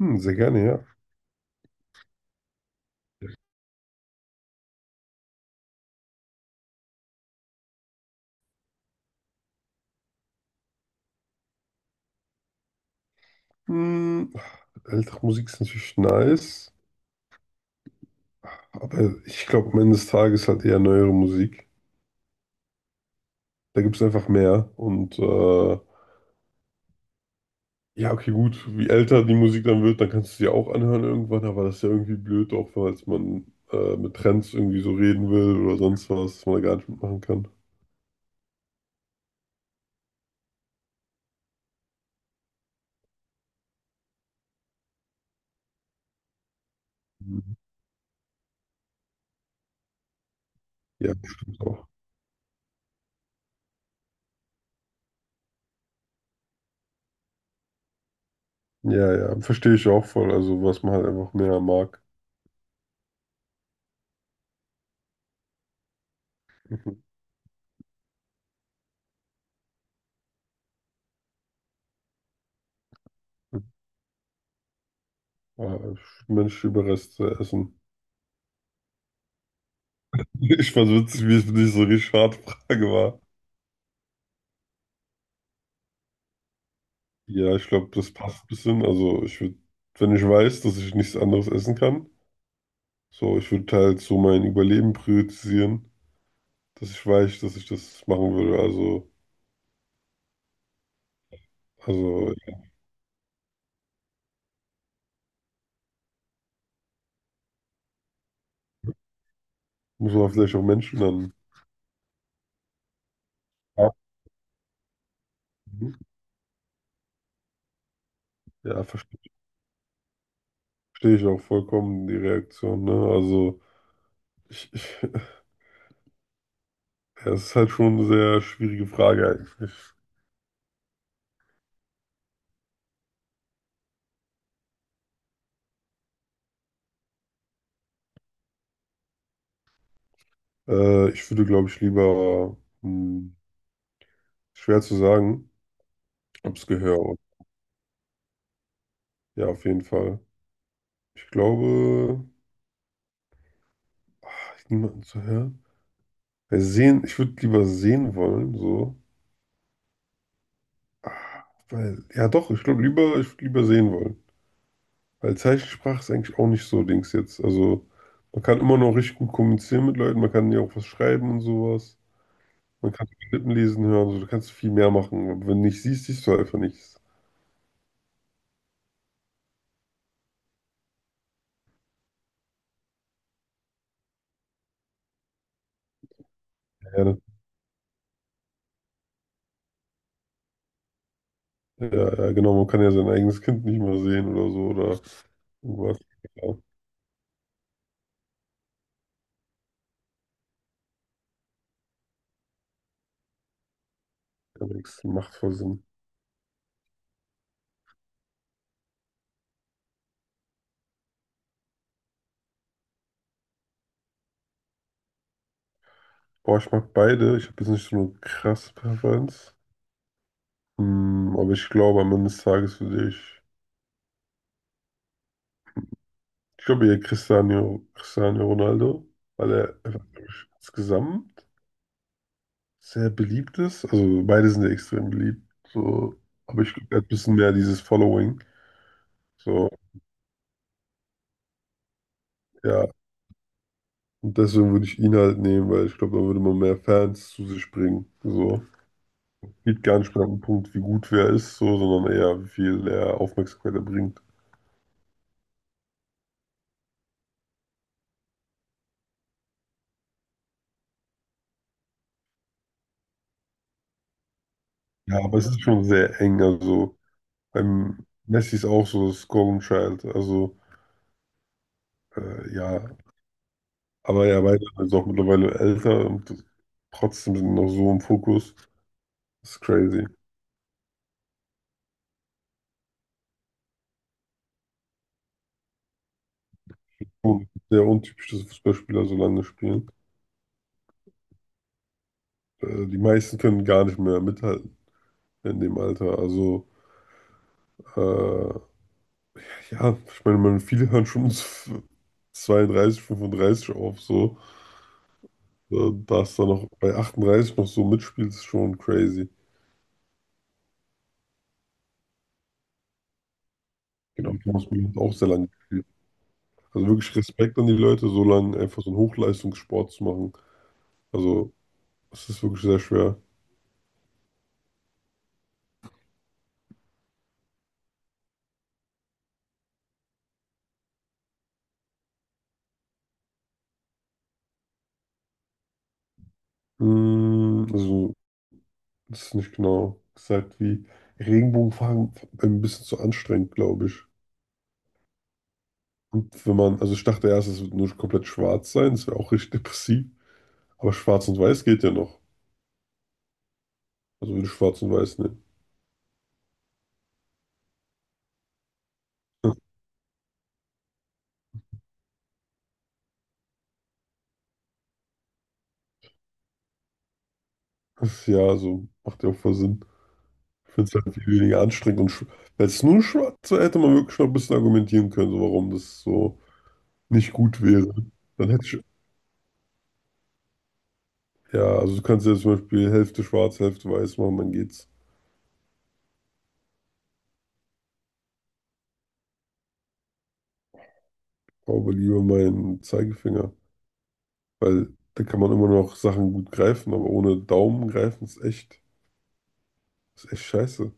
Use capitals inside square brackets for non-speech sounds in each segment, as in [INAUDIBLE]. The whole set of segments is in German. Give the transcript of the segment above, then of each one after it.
Hm, sehr gerne, ja. Hm, ältere Musik ist natürlich nice, aber ich glaube am Ende des Tages halt eher neuere Musik. Da gibt es einfach mehr. Und ja, okay, gut, wie älter die Musik dann wird, dann kannst du sie auch anhören irgendwann, aber das ist ja irgendwie blöd, auch falls man mit Trends irgendwie so reden will oder sonst was, was man da gar nicht mitmachen kann. Mhm. Ja, stimmt auch. Ja, ja, verstehe ich auch voll. Also was man halt einfach mehr mag. [LAUGHS] Äh, Mensch, Überreste essen. Ich fand's witzig, wie es nicht so eine Schadfrage war. Ja, ich glaube, das passt ein bisschen. Also ich würde, wenn ich weiß, dass ich nichts anderes essen kann, so, ich würde halt so mein Überleben priorisieren, dass ich weiß, dass ich das machen würde. Also muss man vielleicht auch Menschen dann achten. Ja, verstehe ich auch vollkommen die Reaktion, ne? Also ich, [LAUGHS] ja, es ist halt schon eine sehr schwierige Frage eigentlich. Ich würde, glaube ich, lieber, hm, schwer zu sagen, ob es Gehör. Ja, auf jeden Fall. Ich glaube, hat niemanden zu hören. Weil sehen, ich würde lieber sehen wollen, so. Weil, ja doch, ich glaube lieber, ich würde lieber sehen wollen. Weil Zeichensprache ist eigentlich auch nicht so Dings jetzt. Also, man kann immer noch richtig gut kommunizieren mit Leuten, man kann ja auch was schreiben und sowas. Man kann Lippen lesen hören, so, du kannst viel mehr machen. Aber wenn du nicht siehst, siehst du einfach nichts. Ja, ja, ja, genau, man kann ja sein eigenes Kind nicht mehr sehen oder so oder irgendwas. Ja, ja, das macht voll Sinn. Boah, ich mag beide. Ich habe jetzt nicht so eine krasse Präferenz. Hm, aber ich glaube, am Ende des Tages würde ich. Ich glaube eher Cristiano Ronaldo, weil er einfach glaub ich, insgesamt sehr beliebt ist. Also beide sind ja extrem beliebt. So, aber ich glaube, er hat ein bisschen mehr dieses Following. So, ja. Und deswegen würde ich ihn halt nehmen, weil ich glaube, dann würde man mehr Fans zu sich bringen. So. Geht gar nicht mehr an den Punkt, wie gut wer ist, so, sondern eher, wie viel er Aufmerksamkeit er bringt. Ja, aber es ist schon sehr eng. Also. Beim Messi ist auch so das Golden Child. Also, ja. Aber ja, beide sind jetzt auch mittlerweile älter und trotzdem sind noch so im Fokus. Das ist crazy. Und sehr untypisch, dass Fußballspieler so lange spielen. Die meisten können gar nicht mehr mithalten in dem Alter. Also, äh, ja, ich meine, man, viele hören schon [LAUGHS] so 32, 35 auf, so. Dass da noch bei 38 noch so mitspielt, ist schon crazy. Genau, Thomas Müller hat auch sehr lange gespielt. Also wirklich Respekt an die Leute, so lange einfach so einen Hochleistungssport zu machen. Also, es ist wirklich sehr schwer. Also, das ist nicht genau gesagt, wie Regenbogenfarben ein bisschen zu anstrengend, glaube ich. Und wenn man, also ich dachte erst, es wird nur komplett schwarz sein, das wäre auch richtig depressiv. Aber schwarz und weiß geht ja noch. Also würde ich schwarz und weiß nehmen. [LAUGHS] Ja, so macht ja auch voll Sinn. Ich finde es halt viel weniger anstrengend. Und wenn es nur schwarz wäre, hätte man wirklich noch ein bisschen argumentieren können, so warum das so nicht gut wäre. Dann hätte ich, ja, also du kannst ja zum Beispiel Hälfte schwarz, Hälfte weiß machen, dann geht's. Aber lieber meinen Zeigefinger, weil da kann man immer noch Sachen gut greifen, aber ohne Daumen greifen ist echt scheiße.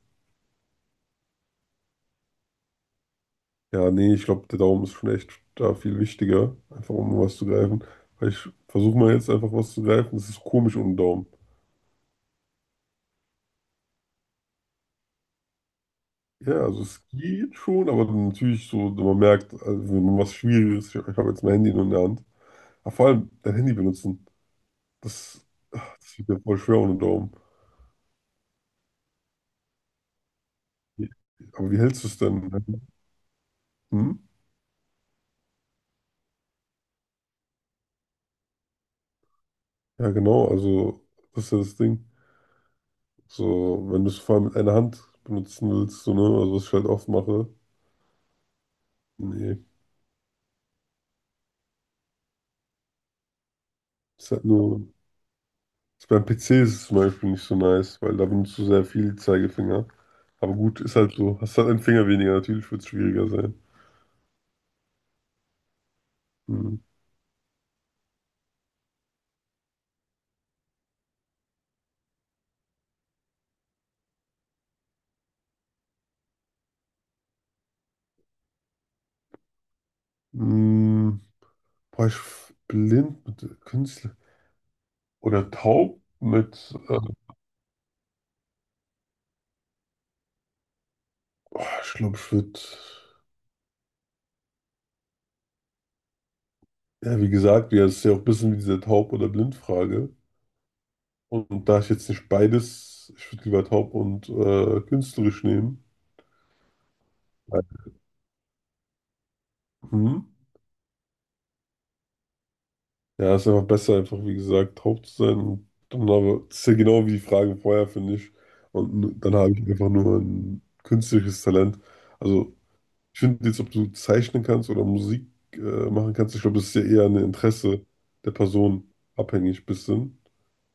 Ja, nee, ich glaube, der Daumen ist schon echt da viel wichtiger, einfach um was zu greifen. Weil ich versuche mal jetzt einfach was zu greifen, das ist komisch ohne Daumen. Ja, also es geht schon, aber dann natürlich so, wenn man merkt, also wenn man was Schwieriges, ich habe jetzt mein Handy nur in der Hand. Aber vor allem dein Handy benutzen, das Das liegt mir voll schwer ohne Daumen. Aber wie hältst du es denn? Hm? Ja, genau, also das ist ja das Ding. So, wenn du es vor allem mit einer Hand benutzen willst, so, ne? Also was ich halt oft mache. Nee. Ist halt nur. Ist beim PC ist es zum Beispiel nicht so nice, weil da benutzt du sehr viel Zeigefinger. Aber gut, ist halt so. Hast halt einen Finger weniger, natürlich wird es schwieriger sein. Hm. Hm. Boah, ich blind mit Künstler. Oder taub mit. Boah, ich glaube, ich würde. Ja, wie gesagt, ja, es ist ja auch ein bisschen wie diese Taub- oder Blindfrage. Und da ich jetzt nicht beides, ich würde lieber taub und künstlerisch nehmen. Ja, Mhm. Ja, ist einfach besser, einfach wie gesagt, taub zu sein. Und dann habe, das ist ja genau wie die Fragen vorher, finde ich. Und dann habe ich einfach nur ein künstlerisches Talent. Also, ich finde jetzt, ob du zeichnen kannst oder Musik äh, machen kannst, ich glaube, das ist ja eher ein Interesse der Person abhängig, bisschen,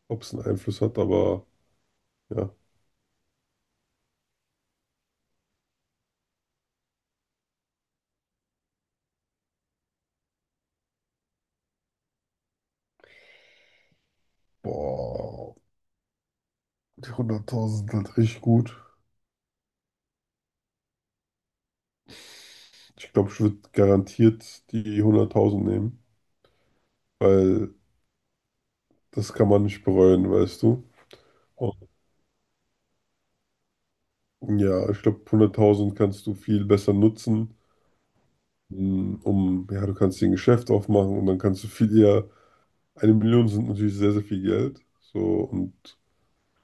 ob es einen Einfluss hat, aber ja. Boah. Die 100.000 sind halt richtig gut. Ich glaube, ich würde garantiert die 100.000 nehmen, weil das kann man nicht bereuen, weißt du. Und ja, ich glaube, 100.000 kannst du viel besser nutzen, um, ja, du kannst dir ein Geschäft aufmachen und dann kannst du viel eher, eine Million sind natürlich sehr, sehr viel Geld. So, und,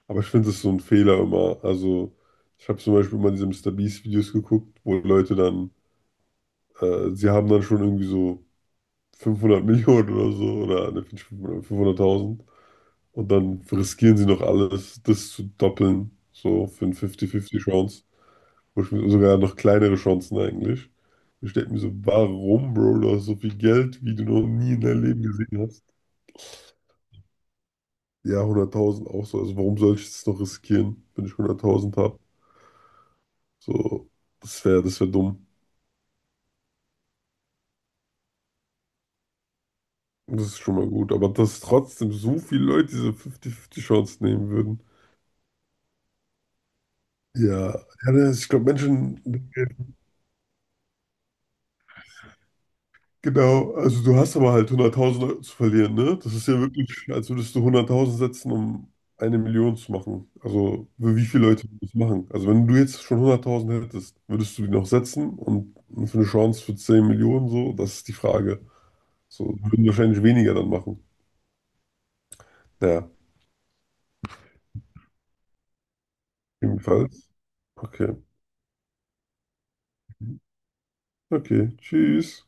aber ich finde, das ist so ein Fehler immer. Also, ich habe zum Beispiel immer diese Mister MrBeast-Videos geguckt, wo Leute dann, sie haben dann schon irgendwie so 500 Millionen oder so oder ne, 500.000 und dann riskieren sie noch alles, das zu doppeln, so für eine 50-50 Chance, wo ich sogar noch kleinere Chancen eigentlich. Ich denke mir so, warum, Bro, du hast so viel Geld, wie du noch nie in deinem Leben gesehen hast. Ja, 100.000 auch so, also warum soll ich es noch riskieren, wenn ich 100.000 habe? So, das wäre dumm. Das ist schon mal gut, aber dass trotzdem so viele Leute diese 50-50 Chance nehmen würden. Ja, ja, ich glaube, Menschen. Genau, also du hast aber halt 100.000 Euro zu verlieren, ne? Das ist ja wirklich, als würdest du 100.000 setzen, um eine Million zu machen. Also für wie viele Leute würden das machen? Also wenn du jetzt schon 100.000 hättest, würdest du die noch setzen und für eine Chance für 10 Millionen so? Das ist die Frage. So würden wahrscheinlich weniger dann machen. Ja, jedenfalls. Okay. Okay, tschüss.